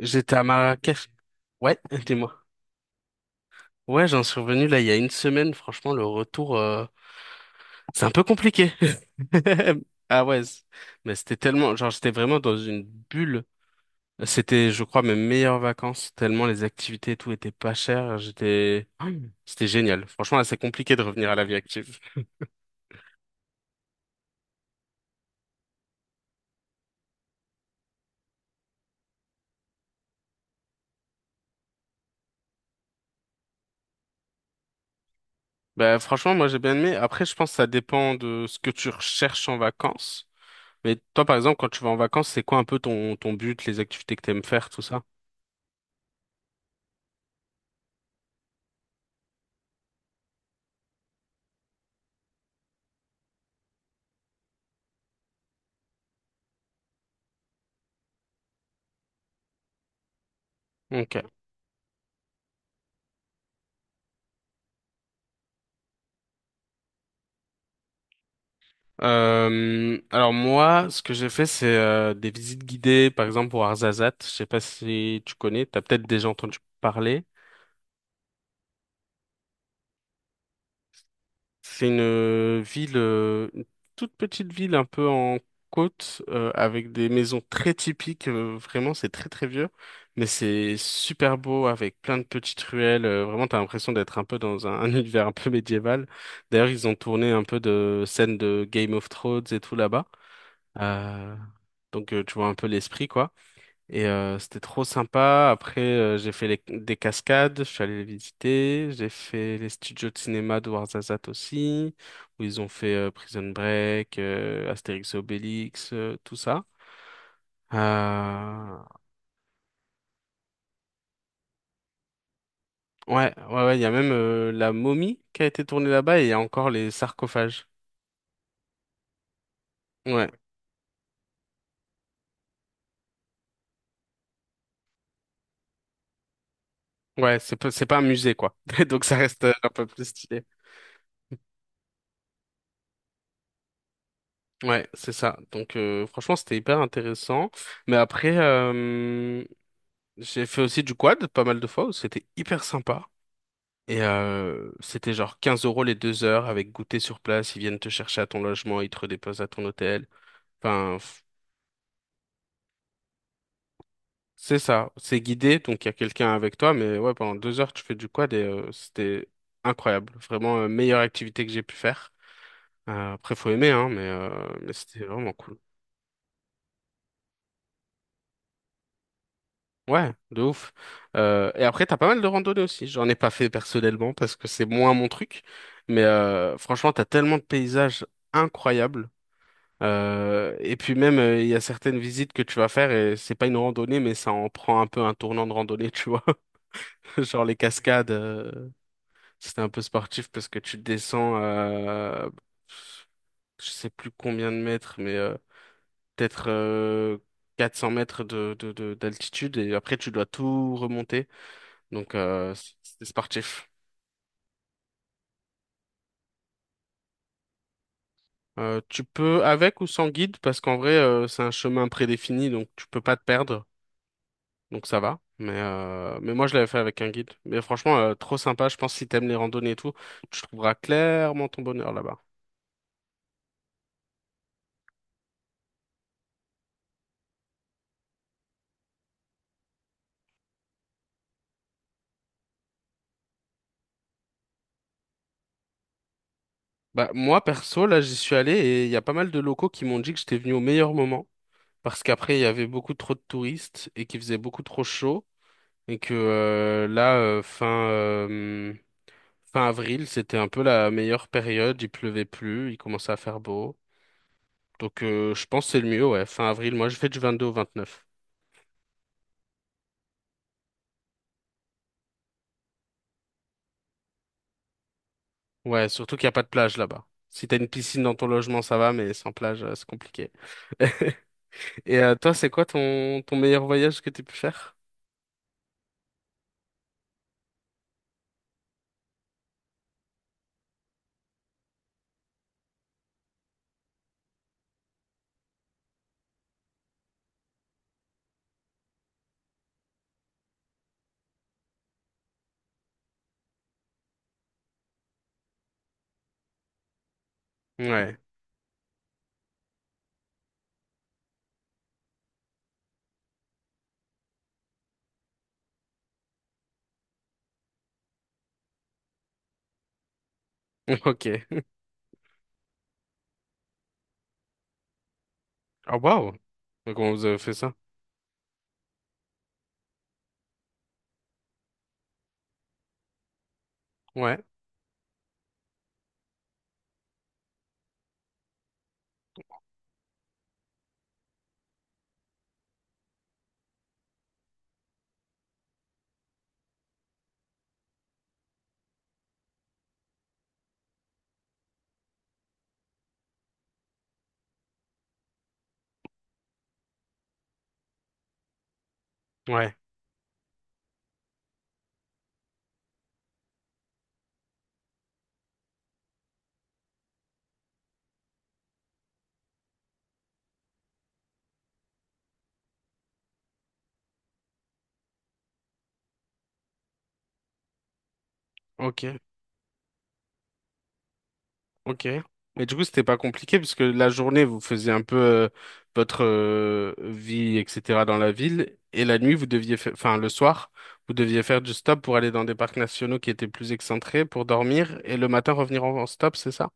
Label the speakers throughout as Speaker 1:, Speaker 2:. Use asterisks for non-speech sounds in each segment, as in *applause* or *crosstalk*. Speaker 1: J'étais à Marrakech. Ouais, dis-moi. Ouais, j'en suis revenu là il y a une semaine. Franchement, le retour, c'est un peu compliqué. *laughs* Ah ouais, mais c'était tellement, genre j'étais vraiment dans une bulle. C'était, je crois, mes meilleures vacances, tellement les activités et tout étaient pas chères. J'étais, *gasps* c'était génial. Franchement, là, c'est compliqué de revenir à la vie active. *laughs* Bah, franchement, moi, j'ai bien aimé. Après, je pense que ça dépend de ce que tu recherches en vacances. Mais toi, par exemple, quand tu vas en vacances, c'est quoi un peu ton but, les activités que tu aimes faire, tout ça? Ok. Alors moi, ce que j'ai fait, c'est des visites guidées, par exemple pour Arzazat. Je sais pas si tu connais, t'as peut-être déjà entendu parler. C'est une ville, une toute petite ville, un peu en côte, avec des maisons très typiques. Euh, vraiment, c'est très très vieux, mais c'est super beau avec plein de petites ruelles. Euh, vraiment, t'as l'impression d'être un peu dans un, *laughs* un univers un peu médiéval. D'ailleurs, ils ont tourné un peu de scènes de Game of Thrones et tout là-bas. Euh, tu vois un peu l'esprit quoi. Et c'était trop sympa. Après j'ai fait des cascades, je suis allé les visiter. J'ai fait les studios de cinéma de Warzazat aussi, où ils ont fait Prison Break, Astérix et Obélix, tout ça. Euh, Ouais, ouais, ouais, il y a même la momie qui a été tournée là-bas et il y a encore les sarcophages. Ouais, ouais, c'est pas un musée quoi. *laughs* Donc ça reste un peu plus stylé. Ouais, c'est ça. Donc franchement, c'était hyper intéressant. Mais après, j'ai fait aussi du quad pas mal de fois. Où C'était hyper sympa. Et c'était genre 15 € les 2 heures avec goûter sur place. Ils viennent te chercher à ton logement, ils te redéposent à ton hôtel. Enfin, f- c'est ça. C'est guidé, donc il y a quelqu'un avec toi. Mais ouais, pendant 2 heures, tu fais du quad et c'était incroyable. Vraiment, meilleure activité que j'ai pu faire. Après, faut aimer, hein, mais c'était vraiment cool. Ouais, de ouf. Et après, t'as pas mal de randonnées aussi. J'en ai pas fait personnellement parce que c'est moins mon truc. Mais franchement, t'as tellement de paysages incroyables. Et puis même, il y a certaines visites que tu vas faire et c'est pas une randonnée, mais ça en prend un peu un tournant de randonnée, tu vois. *laughs* Genre les cascades, c'était un peu sportif parce que tu descends, je sais plus combien de mètres, mais peut-être 400 mètres d'altitude et après tu dois tout remonter. Donc, c'était sportif. Tu peux avec ou sans guide, parce qu'en vrai, c'est un chemin prédéfini, donc tu peux pas te perdre. Donc ça va. Mais moi, je l'avais fait avec un guide. Mais franchement, trop sympa. Je pense que si t'aimes les randonnées et tout, tu trouveras clairement ton bonheur là-bas. Bah, moi, perso, là, j'y suis allé et il y a pas mal de locaux qui m'ont dit que j'étais venu au meilleur moment. Parce qu'après, il y avait beaucoup trop de touristes et qu'il faisait beaucoup trop chaud. Et que euh, là, euh, fin, euh, Fin avril, c'était un peu la meilleure période, il pleuvait plus, il commençait à faire beau. Donc je pense que c'est le mieux, ouais. Fin avril, moi je fais du 22 au 29. Ouais, surtout qu'il n'y a pas de plage là-bas. Si t'as une piscine dans ton logement, ça va, mais sans plage, c'est compliqué. *laughs* Et toi, c'est quoi ton meilleur voyage que t'as pu faire? Ouais, *laughs* ok. Ah waouh! Comment vous avez fait ça? Ouais, ouais, ok. Ok. Mais du coup, c'était pas compliqué parce que la journée, vous faisiez un peu votre vie, etc. dans la ville. Et la nuit, vous deviez faire, enfin, le soir, vous deviez faire du stop pour aller dans des parcs nationaux qui étaient plus excentrés pour dormir et le matin revenir en stop, c'est ça?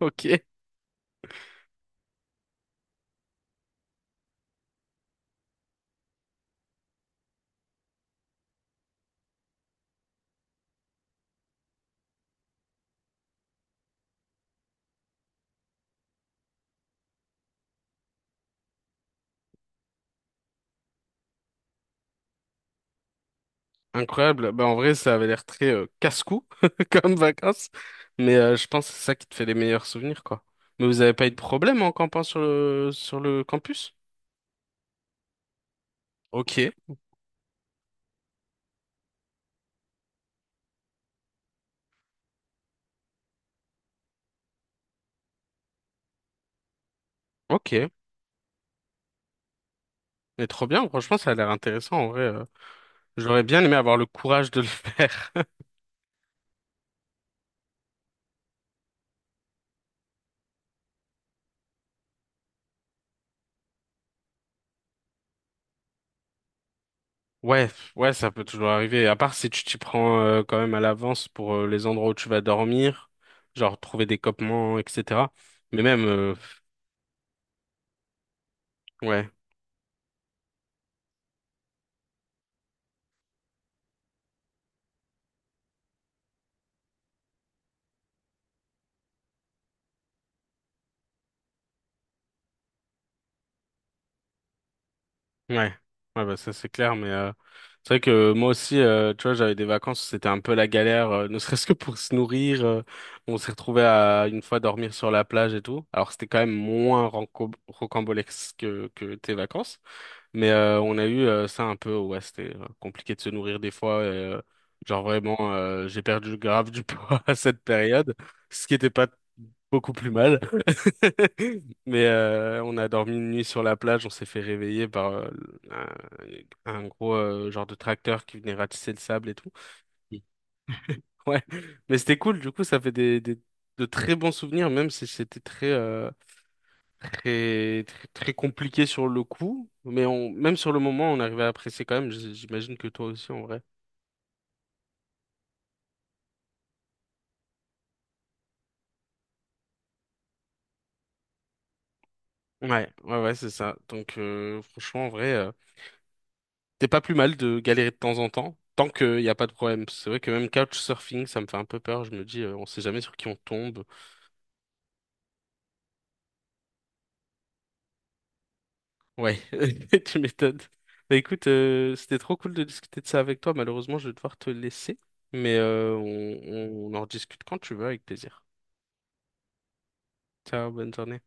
Speaker 1: Ok. Incroyable. Bah, en vrai, ça avait l'air très casse-cou *laughs* comme vacances. Mais je pense que c'est ça qui te fait les meilleurs souvenirs, quoi. Mais vous avez pas eu de problème en campant sur le campus? Ok. Ok. Mais trop bien, franchement, ça a l'air intéressant en vrai. J'aurais bien aimé avoir le courage de le *laughs* faire. Ouais, ouais, ça peut toujours arriver. À part si tu t'y prends quand même à l'avance pour les endroits où tu vas dormir, genre trouver des campements, etc. Mais même, ouais, ouais, ouais, bah ça c'est clair. Mais c'est vrai que moi aussi, tu vois, j'avais des vacances, où c'était un peu la galère, ne *laughs* serait-ce que pour se nourrir. On s'est retrouvé à une fois dormir sur la plage et tout. Alors c'était quand même moins rocambolesque que tes vacances. Mais on a eu ça un peu, ouais, c'était compliqué de se nourrir des fois. Genre vraiment, j'ai perdu grave du poids *laughs* à cette période, ce qui était pas beaucoup plus mal. *laughs* Mais on a dormi une nuit sur la plage, on s'est fait réveiller par un, un gros genre de tracteur qui venait ratisser le sable et tout. Oui. Ouais, mais c'était cool, du coup, ça fait de très bons souvenirs, même si c'était très, très, très compliqué sur le coup, mais on, même sur le moment, on arrivait à apprécier quand même. J'imagine que toi aussi, en vrai. Ouais, ouais, ouais, c'est ça. Donc, franchement, en vrai, t'es pas plus mal de galérer de temps en temps, tant qu'il n'y a pas de problème. C'est vrai que même couchsurfing, ça me fait un peu peur. Je me dis, on sait jamais sur qui on tombe. Ouais, *laughs* tu m'étonnes. Bah écoute, c'était trop cool de discuter de ça avec toi. Malheureusement, je vais devoir te laisser, mais on en rediscute quand tu veux, avec plaisir. Ciao, bonne journée.